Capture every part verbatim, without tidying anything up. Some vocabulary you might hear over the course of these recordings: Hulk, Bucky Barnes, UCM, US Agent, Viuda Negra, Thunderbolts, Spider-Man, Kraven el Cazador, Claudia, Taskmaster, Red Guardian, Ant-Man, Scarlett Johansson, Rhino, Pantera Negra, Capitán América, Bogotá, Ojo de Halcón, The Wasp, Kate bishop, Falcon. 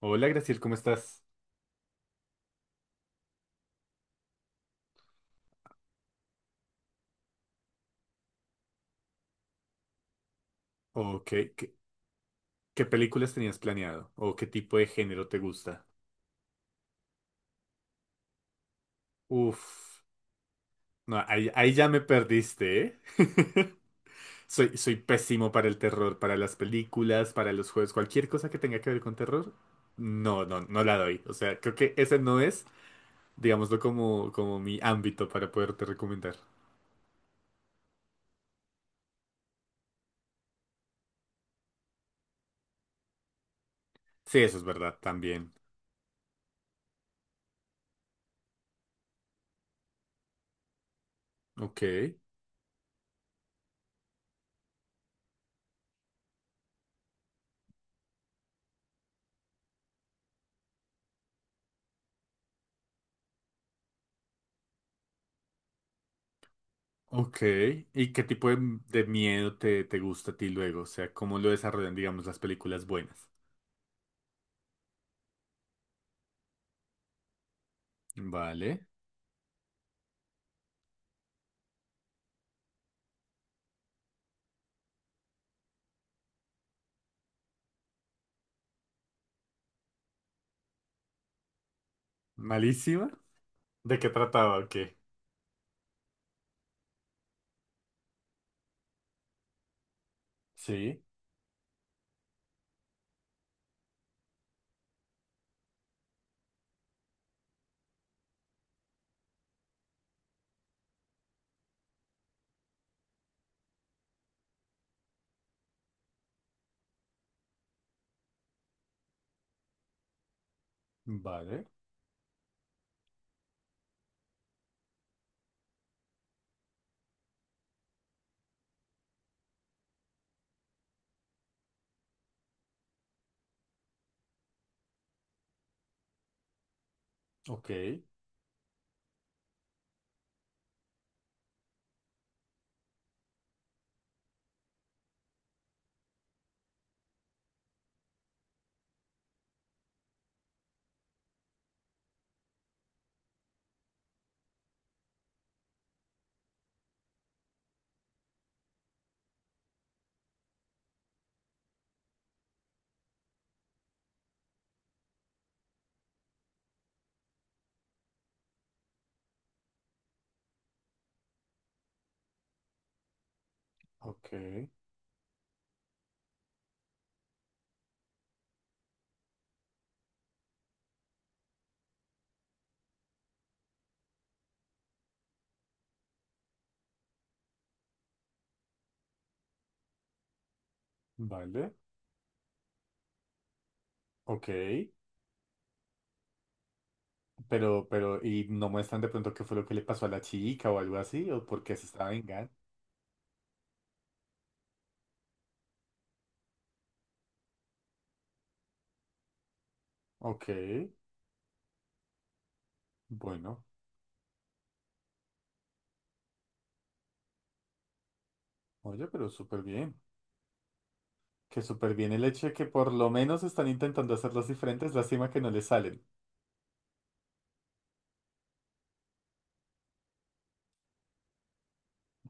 Hola, Graciel, ¿cómo estás? ¿O qué, qué- qué películas tenías planeado? ¿O qué tipo de género te gusta? Uf, no, ahí, ahí ya me perdiste, ¿eh? Soy, soy pésimo para el terror, para las películas, para los juegos, cualquier cosa que tenga que ver con terror, no, no, no la doy. O sea, creo que ese no es, digámoslo, como, como mi ámbito para poderte recomendar. Sí, eso es verdad, también. Ok. Ok, ¿y qué tipo de, de miedo te, te gusta a ti luego? O sea, ¿cómo lo desarrollan, digamos, las películas buenas? Vale, malísima. ¿De qué trataba? Ok. Sí, vale, ok, ok, vale, ok. Pero, pero, ¿y no muestran de pronto qué fue lo que le pasó a la chica o algo así? ¿O por qué se estaba vengando? Ok, bueno, oye, pero súper bien. Que súper bien el hecho de que por lo menos están intentando hacerlas diferentes, lástima que no les salen.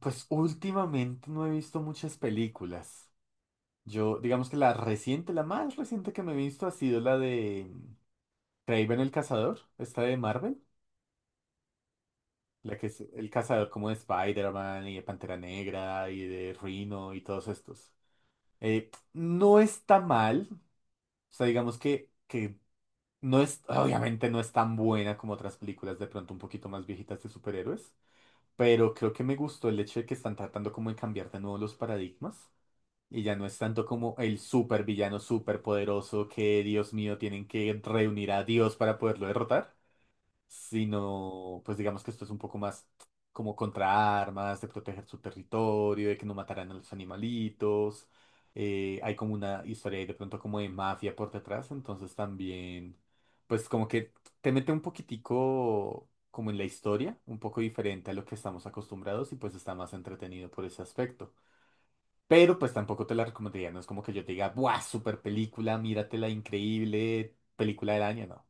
Pues últimamente no he visto muchas películas. Yo, digamos que la reciente, la más reciente que me he visto ha sido la de Kraven el Cazador, esta de Marvel, la que es el cazador como de Spider-Man y de Pantera Negra y de Rhino y todos estos. Eh, no está mal, o sea, digamos que, que no es, obviamente no es tan buena como otras películas de pronto un poquito más viejitas de superhéroes, pero creo que me gustó el hecho de que están tratando como de cambiar de nuevo los paradigmas. Y ya no es tanto como el supervillano superpoderoso que, Dios mío, tienen que reunir a Dios para poderlo derrotar, sino, pues digamos que esto es un poco más como contra armas, de proteger su territorio, de que no matarán a los animalitos. Eh, hay como una historia ahí de pronto como de mafia por detrás, entonces también, pues como que te mete un poquitico como en la historia, un poco diferente a lo que estamos acostumbrados y pues está más entretenido por ese aspecto. Pero pues tampoco te la recomendaría, no es como que yo te diga, ¡buah, super película, míratela, increíble, película del año! No.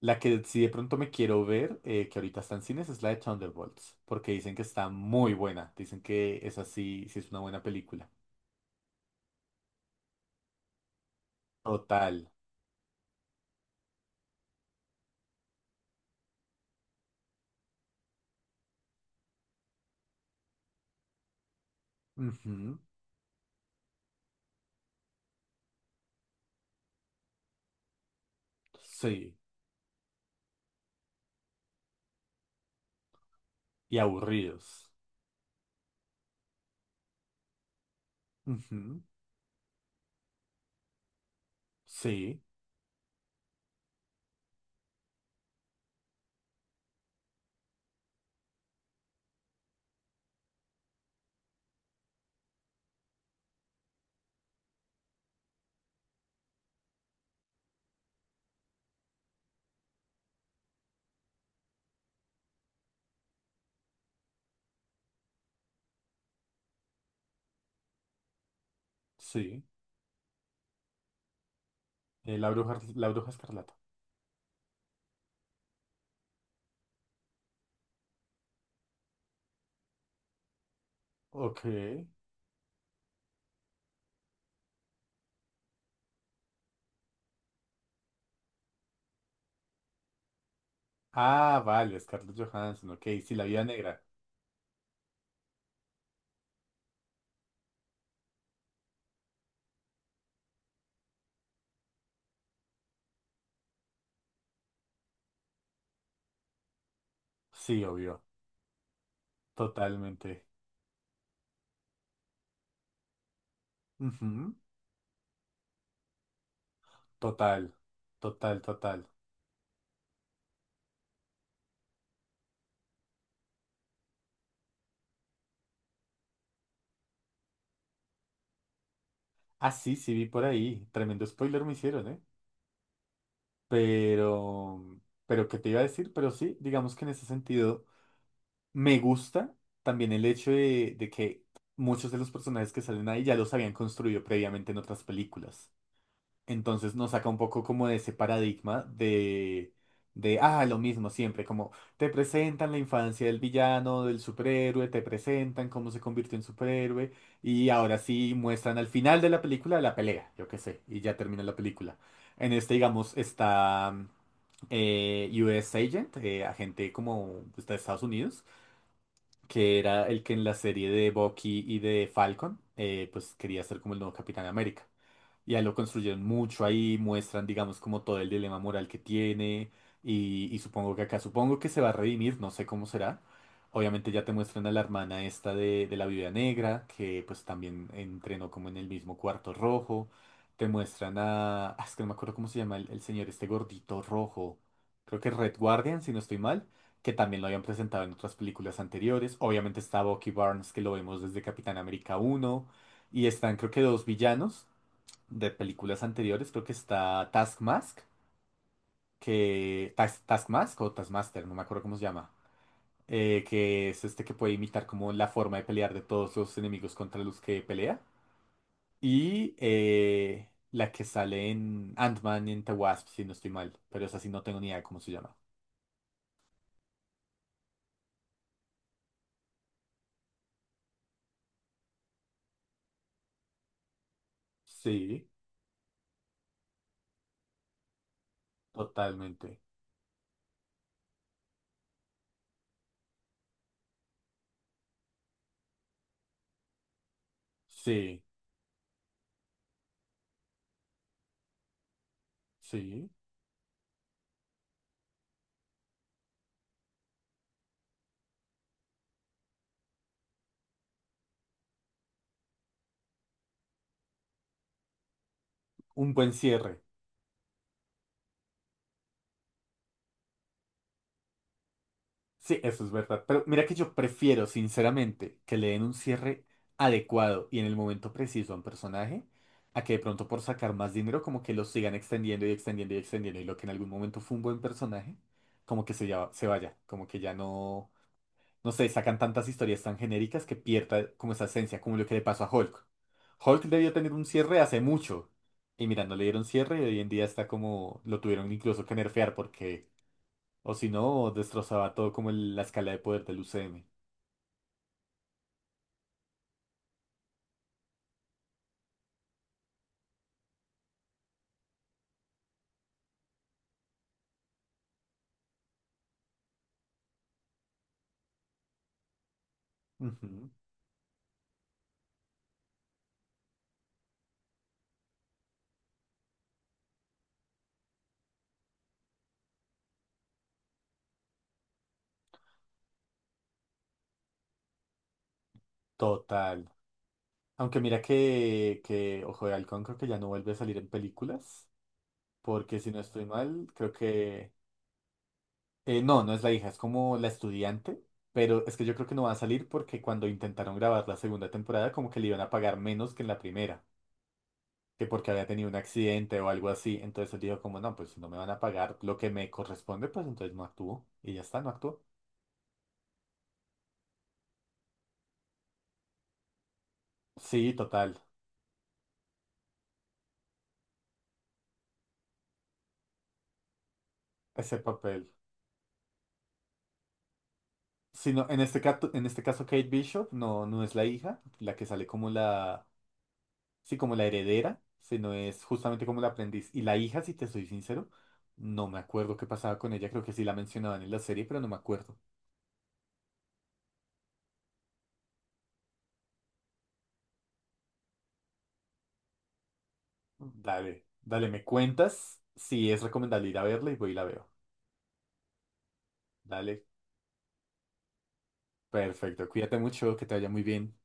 La que sí de pronto me quiero ver, eh, que ahorita está en cines, es la de Thunderbolts, porque dicen que está muy buena, dicen que esa sí, sí es una buena película. Total. Ujú. Sí. Y aburridos. Ujú. Sí, sí. Eh, la bruja, la bruja escarlata. Ok. Ah, vale, Scarlett Johansson, ok, sí, la vida negra. Sí, obvio, totalmente. Ujú. Total, total, total. Ah, sí, sí vi por ahí. Tremendo spoiler me hicieron, ¿eh? Pero, pero, ¿qué te iba a decir? Pero sí, digamos que en ese sentido me gusta también el hecho de, de que muchos de los personajes que salen ahí ya los habían construido previamente en otras películas. Entonces nos saca un poco como de ese paradigma de, de, ah, lo mismo siempre, como te presentan la infancia del villano, del superhéroe, te presentan cómo se convirtió en superhéroe, y ahora sí muestran al final de la película la pelea, yo qué sé, y ya termina la película. En este, digamos, está eh, U S Agent, eh, agente como está de Estados Unidos, que era el que en la serie de Bucky y de Falcon, eh, pues quería ser como el nuevo Capitán América. Y ahí lo construyeron mucho, ahí muestran, digamos, como todo el dilema moral que tiene. Y, y supongo que acá, supongo que se va a redimir, no sé cómo será. Obviamente ya te muestran a la hermana esta de, de la Viuda Negra, que pues también entrenó como en el mismo cuarto rojo. Te muestran a... ah, es que no me acuerdo cómo se llama el, el señor, este gordito rojo. Creo que Red Guardian, si no estoy mal, que también lo habían presentado en otras películas anteriores. Obviamente está Bucky Barnes, que lo vemos desde Capitán América uno. Y están creo que dos villanos de películas anteriores, creo que está Taskmask, que Tas- Taskmask o Taskmaster, no me acuerdo cómo se llama, eh, que es este que puede imitar como la forma de pelear de todos los enemigos contra los que pelea. Y eh, la que sale en Ant-Man y en The Wasp, si no estoy mal, pero esa sí no tengo ni idea de cómo se llama. Sí, totalmente. Sí, sí. Un buen cierre. Sí, eso es verdad. Pero mira que yo prefiero, sinceramente, que le den un cierre adecuado y en el momento preciso a un personaje, a que de pronto por sacar más dinero como que lo sigan extendiendo y extendiendo y extendiendo y lo que en algún momento fue un buen personaje, como que se, ya, se vaya, como que ya no, no sé, sacan tantas historias tan genéricas que pierda como esa esencia, como lo que le pasó a Hulk. Hulk debió tener un cierre hace mucho y mira, no le dieron cierre y hoy en día está como, lo tuvieron incluso que nerfear porque... O si no, destrozaba todo como el- la escala de poder del U C M. Ujú. Total. Aunque mira que, que Ojo de Halcón creo que ya no vuelve a salir en películas. Porque si no estoy mal, creo que... eh, no, no es la hija, es como la estudiante. Pero es que yo creo que no va a salir porque cuando intentaron grabar la segunda temporada como que le iban a pagar menos que en la primera. Que porque había tenido un accidente o algo así. Entonces él dijo como, no, pues si no me van a pagar lo que me corresponde, pues entonces no actúo. Y ya está, no actuó. Sí, total. Ese papel. Sino, en este caso, en este caso Kate Bishop no, no es la hija, la que sale como la, sí, como la heredera, sino es justamente como la aprendiz. Y la hija, si te soy sincero, no me acuerdo qué pasaba con ella, creo que sí la mencionaban en la serie, pero no me acuerdo. Dale, dale, me cuentas si es recomendable ir a verla y voy y la veo. Dale, perfecto, cuídate mucho, que te vaya muy bien.